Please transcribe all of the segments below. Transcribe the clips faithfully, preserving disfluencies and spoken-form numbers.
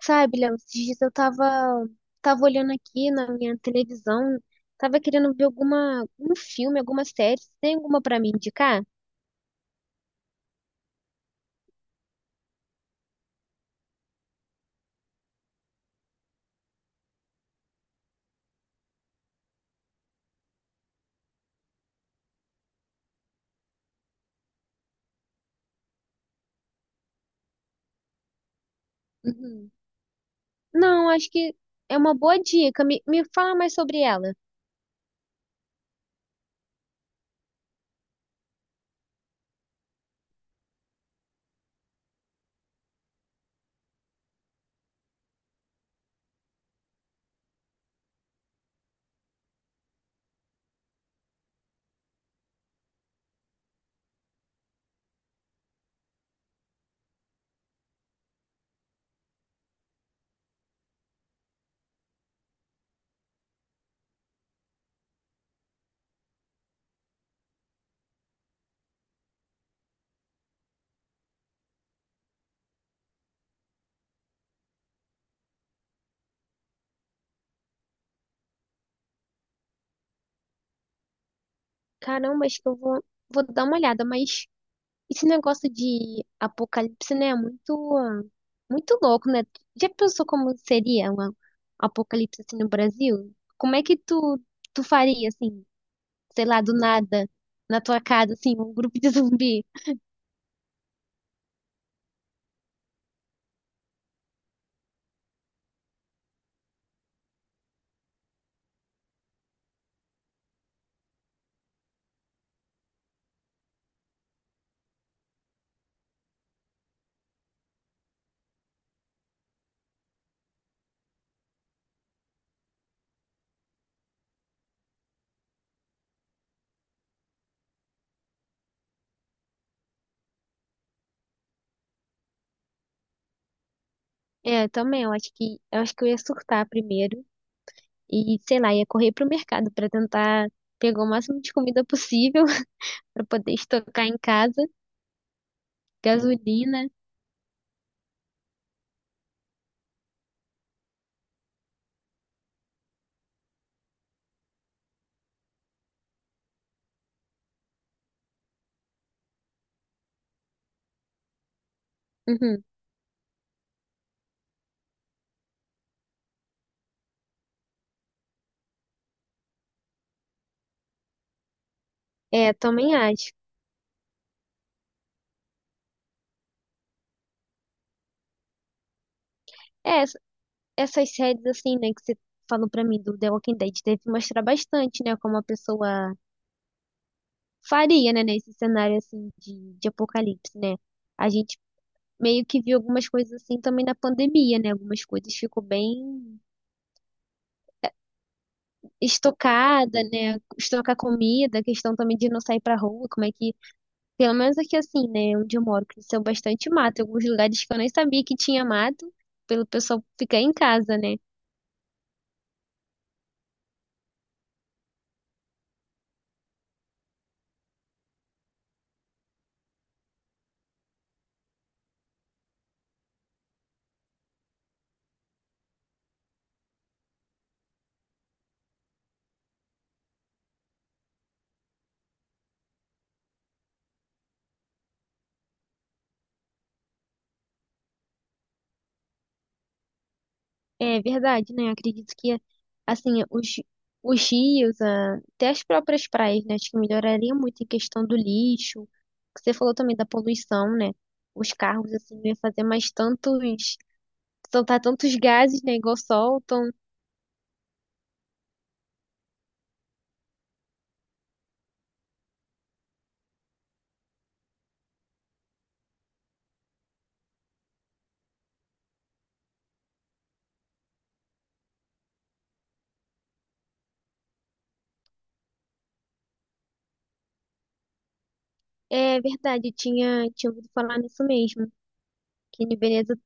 Sabe, Léo, esses dias eu tava, tava olhando aqui na minha televisão, tava querendo ver alguma, um filme, alguma série. Você tem alguma pra me indicar? Uhum. Não, acho que é uma boa dica. Me, me fala mais sobre ela. Caramba, acho que eu vou, vou dar uma olhada, mas esse negócio de apocalipse, né, é muito, ah, muito louco, né? Já pensou como seria um apocalipse assim no Brasil? Como é que tu, tu faria, assim? Sei lá, do nada, na tua casa, assim, um grupo de zumbi. É, também, eu acho que, eu acho que eu ia surtar primeiro e, sei lá, ia correr pro mercado pra tentar pegar o máximo de comida possível pra poder estocar em casa, gasolina. Uhum. É, também acho. É, ess- Essas séries assim, né, que você falou pra mim do The Walking Dead, deve mostrar bastante, né, como a pessoa faria, né, nesse cenário assim de, de apocalipse, né? A gente meio que vi algumas coisas assim também na pandemia, né? Algumas coisas ficou bem estocada, né? Estocar comida, questão também de não sair pra rua, como é que, pelo menos aqui assim, né, onde eu moro, cresceu bastante mato, em alguns lugares que eu nem sabia que tinha mato, pelo pessoal ficar em casa, né? É verdade, né? Acredito que assim, os os rios, a- até as próprias praias, né? Acho que melhoraria muito em questão do lixo. Você falou também da poluição, né? Os carros, assim, não ia fazer mais tantos soltar tantos gases, né, igual soltam. É verdade, eu tinha, tinha ouvido falar nisso mesmo, que em Veneza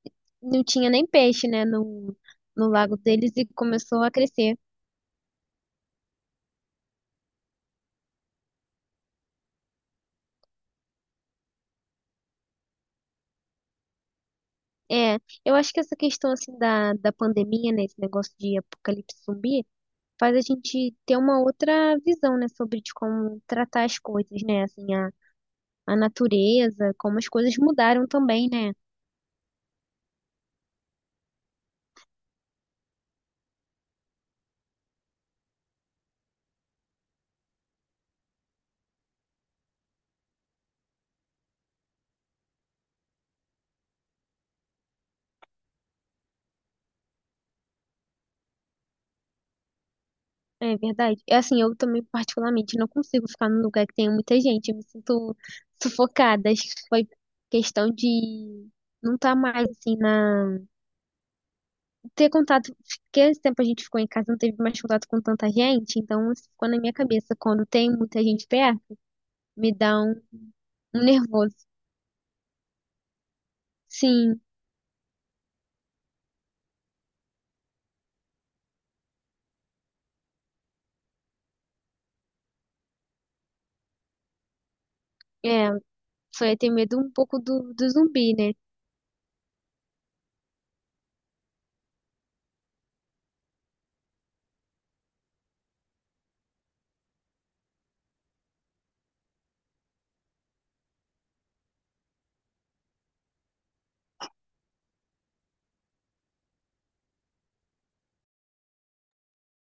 não tinha nem peixe, né, no, no lago deles e começou a crescer. É, eu acho que essa questão, assim, da, da pandemia, né, esse negócio de apocalipse zumbi, faz a gente ter uma outra visão, né, sobre de como tratar as coisas, né, assim, a, a natureza, como as coisas mudaram também, né. É verdade. É assim, eu também particularmente não consigo ficar num lugar que tenha muita gente. Eu me sinto sufocada. Acho que foi questão de não estar mais assim na ter contato, porque esse tempo a gente ficou em casa, não teve mais contato com tanta gente, então isso ficou na minha cabeça quando tem muita gente perto, me dá um, um nervoso. Sim, é, foi ter medo um pouco do, do zumbi, né?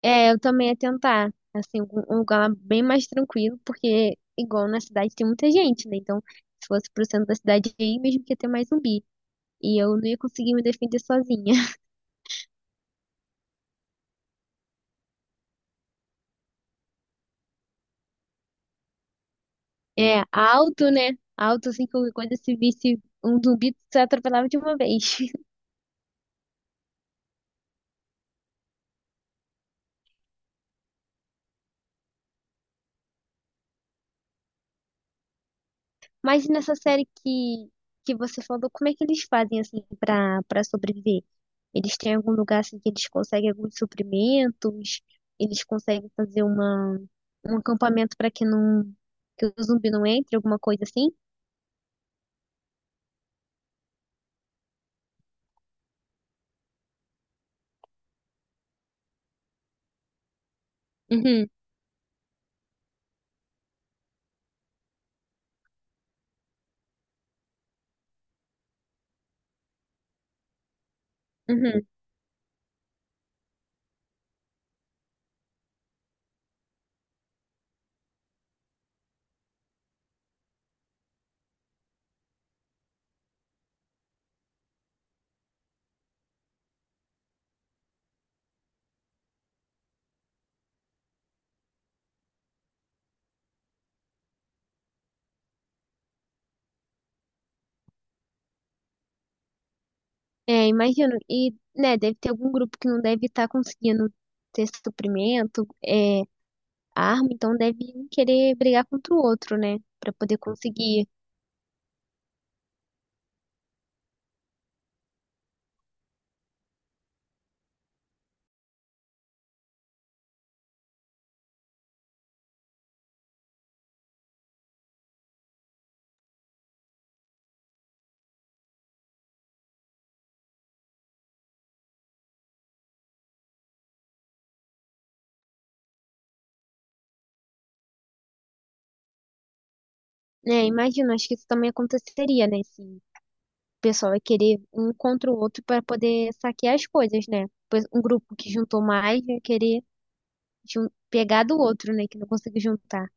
É, eu também ia tentar, assim, um um lugar bem mais tranquilo, porque igual na cidade tem muita gente, né? Então, se fosse pro centro da cidade aí, mesmo que ia ter mais zumbi. E eu não ia conseguir me defender sozinha. É, alto, né? Alto, assim, qualquer coisa, se visse um zumbi, se atropelava de uma vez. Mas nessa série que, que você falou, como é que eles fazem assim pra para sobreviver? Eles têm algum lugar assim que eles conseguem alguns suprimentos? Eles conseguem fazer uma um acampamento para que não que o zumbi não entre, alguma coisa assim? Uhum, uhum. É, imagino. E, né, deve ter algum grupo que não deve estar conseguindo ter suprimento, é, arma, então deve um querer brigar contra o outro, né, pra poder conseguir. Né, imagino, acho que isso também aconteceria, né, se pessoal vai querer um contra o outro para poder saquear as coisas, né? Pois um grupo que juntou mais vai querer jun- pegar do outro, né? Que não conseguiu juntar.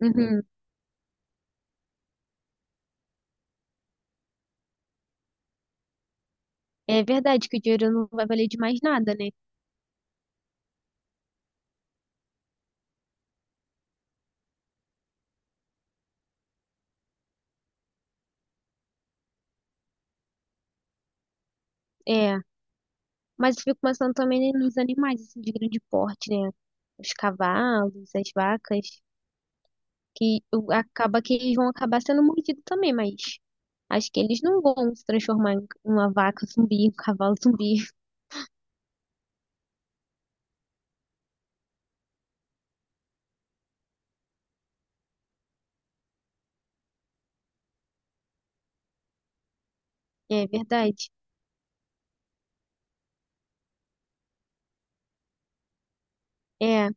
Uhum. É verdade que o dinheiro não vai valer de mais nada, né? É. Mas eu fico pensando também nos animais, assim, de grande porte, né? Os cavalos, as vacas, que o- acaba que eles vão acabar sendo mordidos também, mas acho que eles não vão se transformar em uma vaca zumbi, um cavalo zumbi. É verdade. É.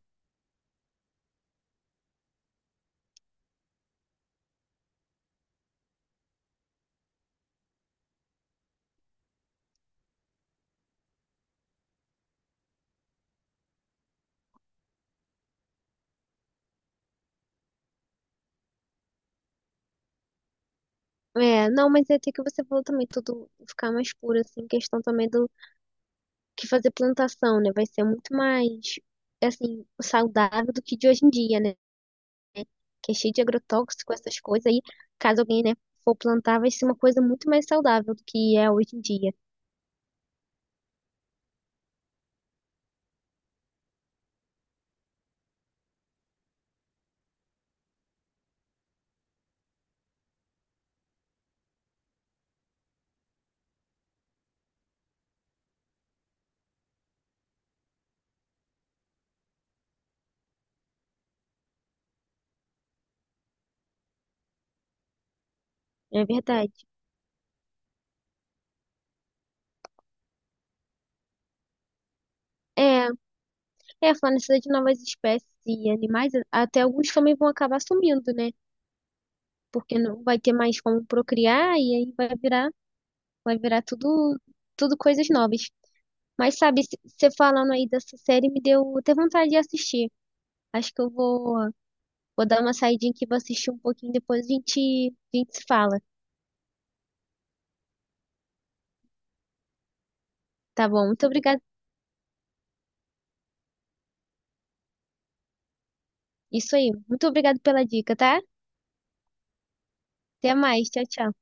É, não, mas é até que você falou também, tudo ficar mais puro, assim, questão também do que fazer plantação, né? Vai ser muito mais, assim, saudável do que de hoje em dia, né? Que é cheio de agrotóxico, essas coisas aí. Caso alguém, né, for plantar, vai ser uma coisa muito mais saudável do que é hoje em dia. É verdade. É, é, falando isso de novas espécies e animais, até alguns também vão acabar sumindo, né? Porque não vai ter mais como procriar e aí vai virar, vai virar tudo, tudo coisas novas. Mas sabe, c- você falando aí dessa série me deu até vontade de assistir. Acho que eu vou, vou dar uma saidinha aqui, vou assistir um pouquinho, depois a gente, a gente se fala. Tá bom? Muito obrigada. Isso aí. Muito obrigada pela dica, tá? Até mais. Tchau, tchau.